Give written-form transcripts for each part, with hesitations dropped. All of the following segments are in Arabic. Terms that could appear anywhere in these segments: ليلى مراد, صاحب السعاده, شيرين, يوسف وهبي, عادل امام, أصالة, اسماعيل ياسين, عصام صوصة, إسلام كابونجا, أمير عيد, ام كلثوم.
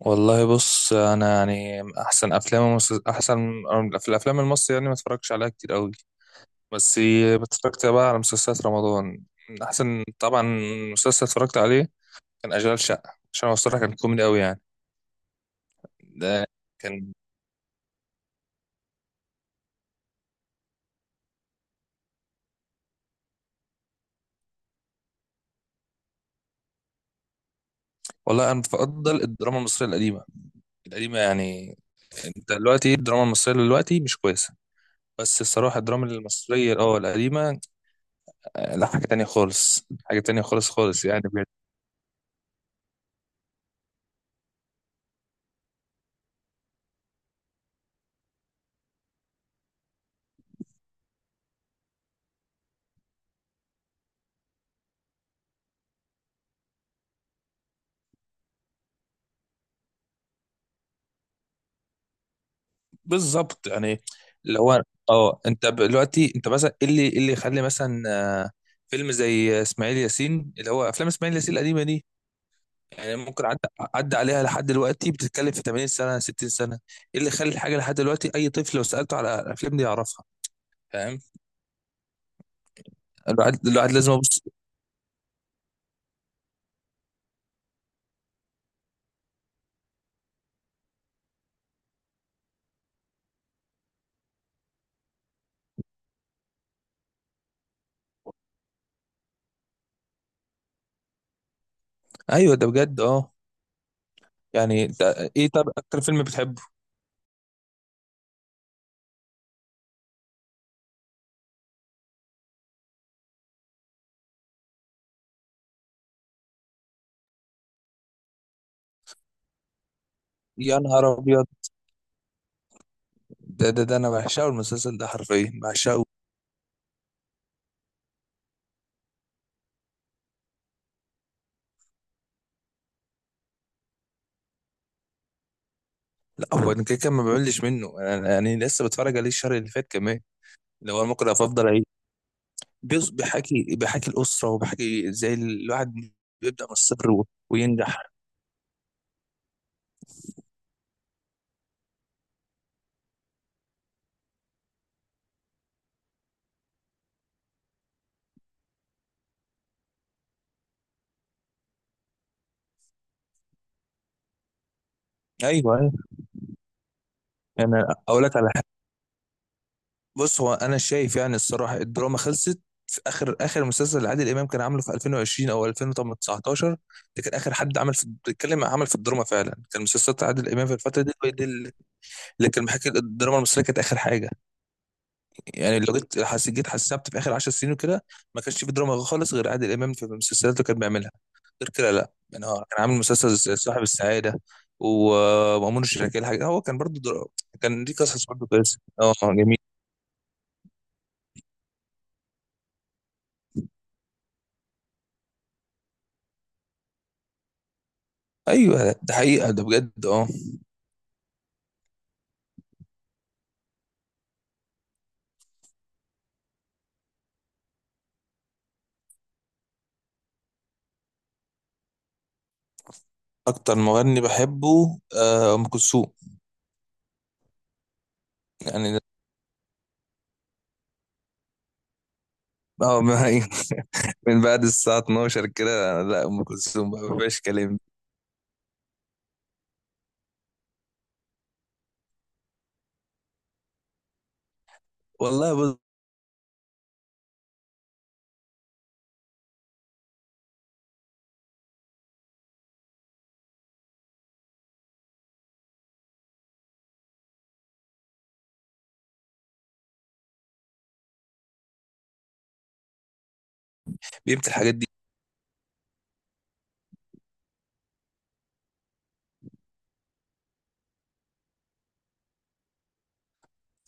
والله بص، انا يعني احسن افلام احسن في الافلام المصري، يعني ما اتفرجش عليها كتير قوي. بس اتفرجت بقى على مسلسلات رمضان. من احسن طبعا مسلسل اتفرجت عليه كان اشغال شقه، عشان هو الصراحه كان كوميدي قوي يعني. ده كان. والله انا بفضل الدراما المصريه القديمه، القديمه يعني. انت دلوقتي الدراما المصريه دلوقتي مش كويسه. بس الصراحه الدراما المصريه القديمه. لا حاجه تانية خالص، حاجه تانية خالص خالص يعني. بالظبط يعني، اللي هو اه انت مثلا ايه اللي إيه اللي يخلي مثلا فيلم زي اسماعيل ياسين، اللي هو افلام اسماعيل ياسين القديمه دي، يعني ممكن عدى عليها لحد دلوقتي، بتتكلم في 80 سنه، 60 سنه. ايه اللي يخلي الحاجه لحد دلوقتي اي طفل لو سالته على الافلام دي يعرفها؟ فاهم. الواحد لازم يبص. ايوه ده بجد، اه. يعني ده ايه؟ طب اكتر فيلم بتحبه؟ يا نهار ابيض، ده انا بعشقه المسلسل ده، حرفيا بعشقه. لا هو انا كده كده ما بعملش منه، يعني لسه بتفرج عليه الشهر اللي فات كمان. اللي هو ممكن أبقى افضل اعيش. بيحكي الاسره، وبيحكي ازاي الواحد بيبدا من الصفر و- وينجح. ايوه ايوه. يعني اقول لك على حاجه. بص هو انا شايف يعني الصراحه الدراما خلصت في اخر اخر مسلسل اللي عادل امام كان عامله في 2020 او 2019. ده كان اخر حد عمل في الدراما فعلا، كان مسلسلات عادل امام في الفتره دي هي دي اللي كان بيحكي. الدراما المصريه كانت اخر حاجه يعني. لو جيت حس- جيت حسبت في اخر 10 سنين وكده، ما كانش في دراما خالص غير عادل امام في المسلسلات اللي كان بيعملها. غير كده لا، يعني هو كان عامل مسلسل صاحب السعاده، ومأمون الشركاه، الحاجه هو كان برضو كان دي قصص برضو كويسه، اه جميل. ايوه ده حقيقه، ده بجد اه. اكتر مغني بحبه ام كلثوم. يعني اه ما هي من بعد الساعه 12 كده، لا ام كلثوم بقى ما فيهاش كلام. والله بص، بيمت الحاجات دي.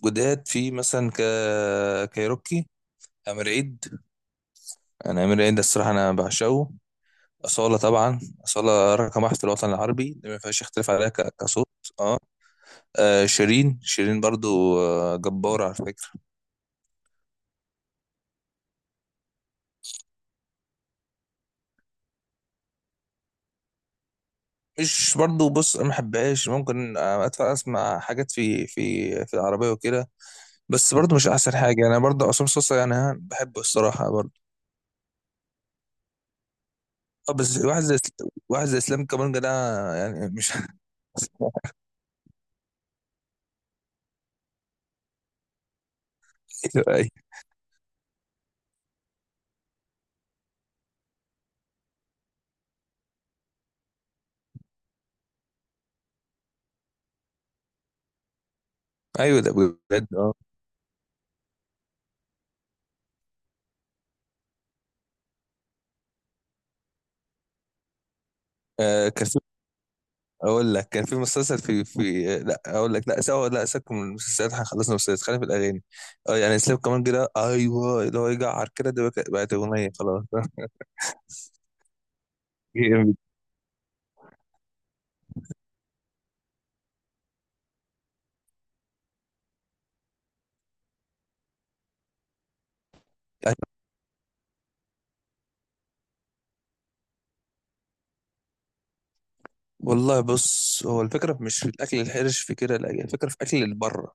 جداد في مثلا كايروكي، أمير عيد. أنا أمير عيد الصراحة أنا بعشقه. أصالة طبعا، أصالة رقم واحد في الوطن العربي، دي ما فيهاش اختلاف عليها كصوت. أه آه، شيرين برضو جبارة على فكرة. مش برضو، بص أنا ما بحبهاش، ممكن أدفع أسمع حاجات في العربية وكده، بس برضو مش أحسن حاجة يعني. أنا برضو عصام صوصة يعني بحبه الصراحة برضو. أه، بس واحد زي إسلام كابونجا ده يعني مش أيوه أيوه أيوه ده بجد أه. كان اقول لك كان في مسلسل في لا اقول لك، لا سوا، لا سيبك من المسلسلات، احنا خلصنا مسلسلات، خلينا في الاغاني. اه يعني سيب كمان كده، ايوه، اللي هو يجعر كده ده بقت اغنيه خلاص جامد. والله بص، هو الفكره مش في الاكل الحرش في كده، لا الفكره في اكل اللي بره.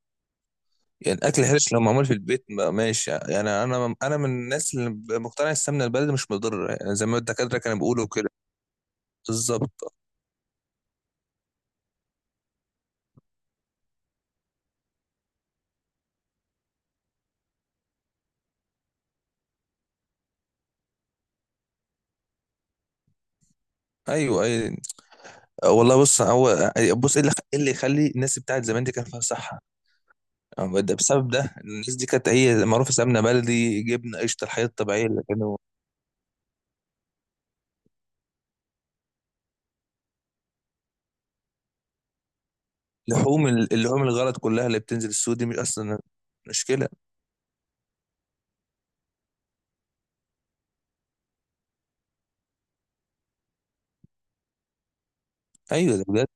يعني الاكل الحرش لو معمول في البيت ماشي يعني. انا من الناس اللي مقتنع السمنه البلدي مش مضره، يعني زي ما الدكاتره كانوا بيقولوا كده. بالظبط. ايوه ايوه. والله بص، هو بص ايه اللي إيه اللي يخلي الناس بتاعت زمان دي كان فيها صحه؟ بسبب ده، الناس دي كانت هي معروفه سمنه بلدي، جبنه، قشطه، الحاجات الطبيعيه اللي كانوا. لحوم اللحوم الغلط كلها اللي بتنزل السوق دي مش اصلا مشكله؟ ايوه ده بجد.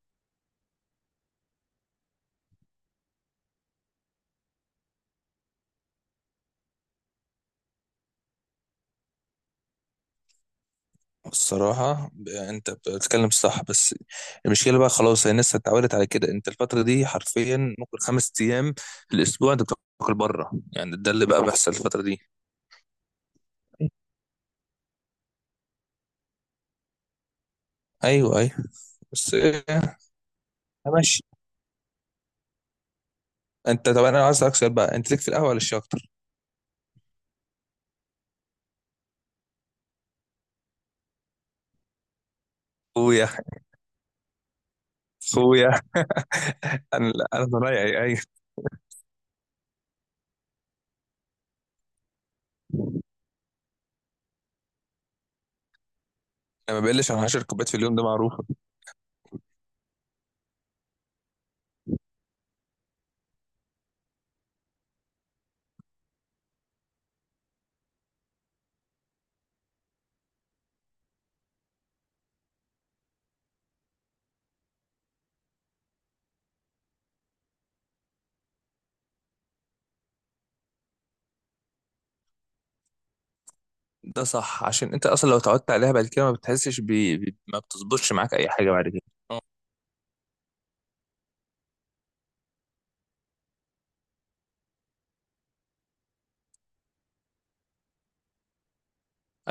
الصراحه، انت بتتكلم صح، بس المشكله بقى خلاص هي الناس اتعودت على كده. انت الفتره دي حرفيا ممكن خمس ايام في الاسبوع انت بتاكل بره، يعني ده اللي بقى بيحصل الفتره دي. ايوه ايوه. بس ماشي. انت طب انا عايز اسالك سؤال بقى، انت ليك في القهوه ولا الشاي اكتر؟ اخويا، اخويا، انا ضايع. ايوه انا ما بقلش عن 10 كوبايات في اليوم، ده معروفه. ده صح، عشان انت اصلا لو اتعودت عليها بعد كده ما بتحسش ما بتظبطش معاك اي حاجه بعد كده. اه.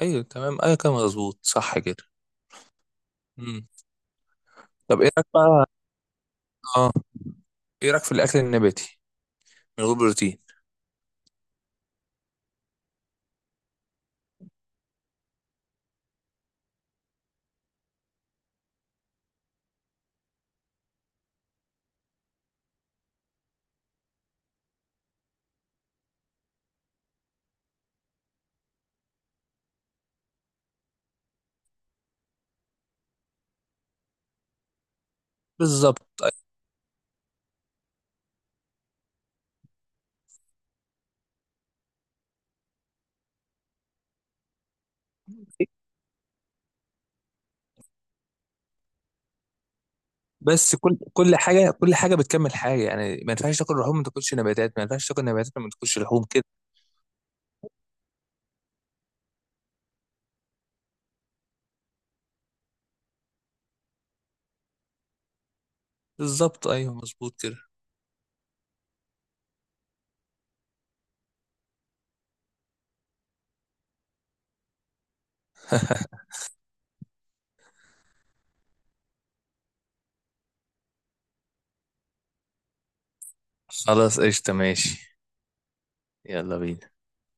ايوه تمام، ايوه كده مظبوط، صح كده. مم. طب ايه رايك بقى؟ اه ايه رايك في الاكل النباتي من غير بروتين؟ بالظبط. بس كل حاجه بتكمل حاجه، يعني ما ينفعش تاكل لحوم ما تاكلش نباتات، ما ينفعش تاكل نباتات ما تاكلش لحوم كده. بالظبط ايوه مظبوط كده. خلاص، قشطه، ماشي. يلا بينا.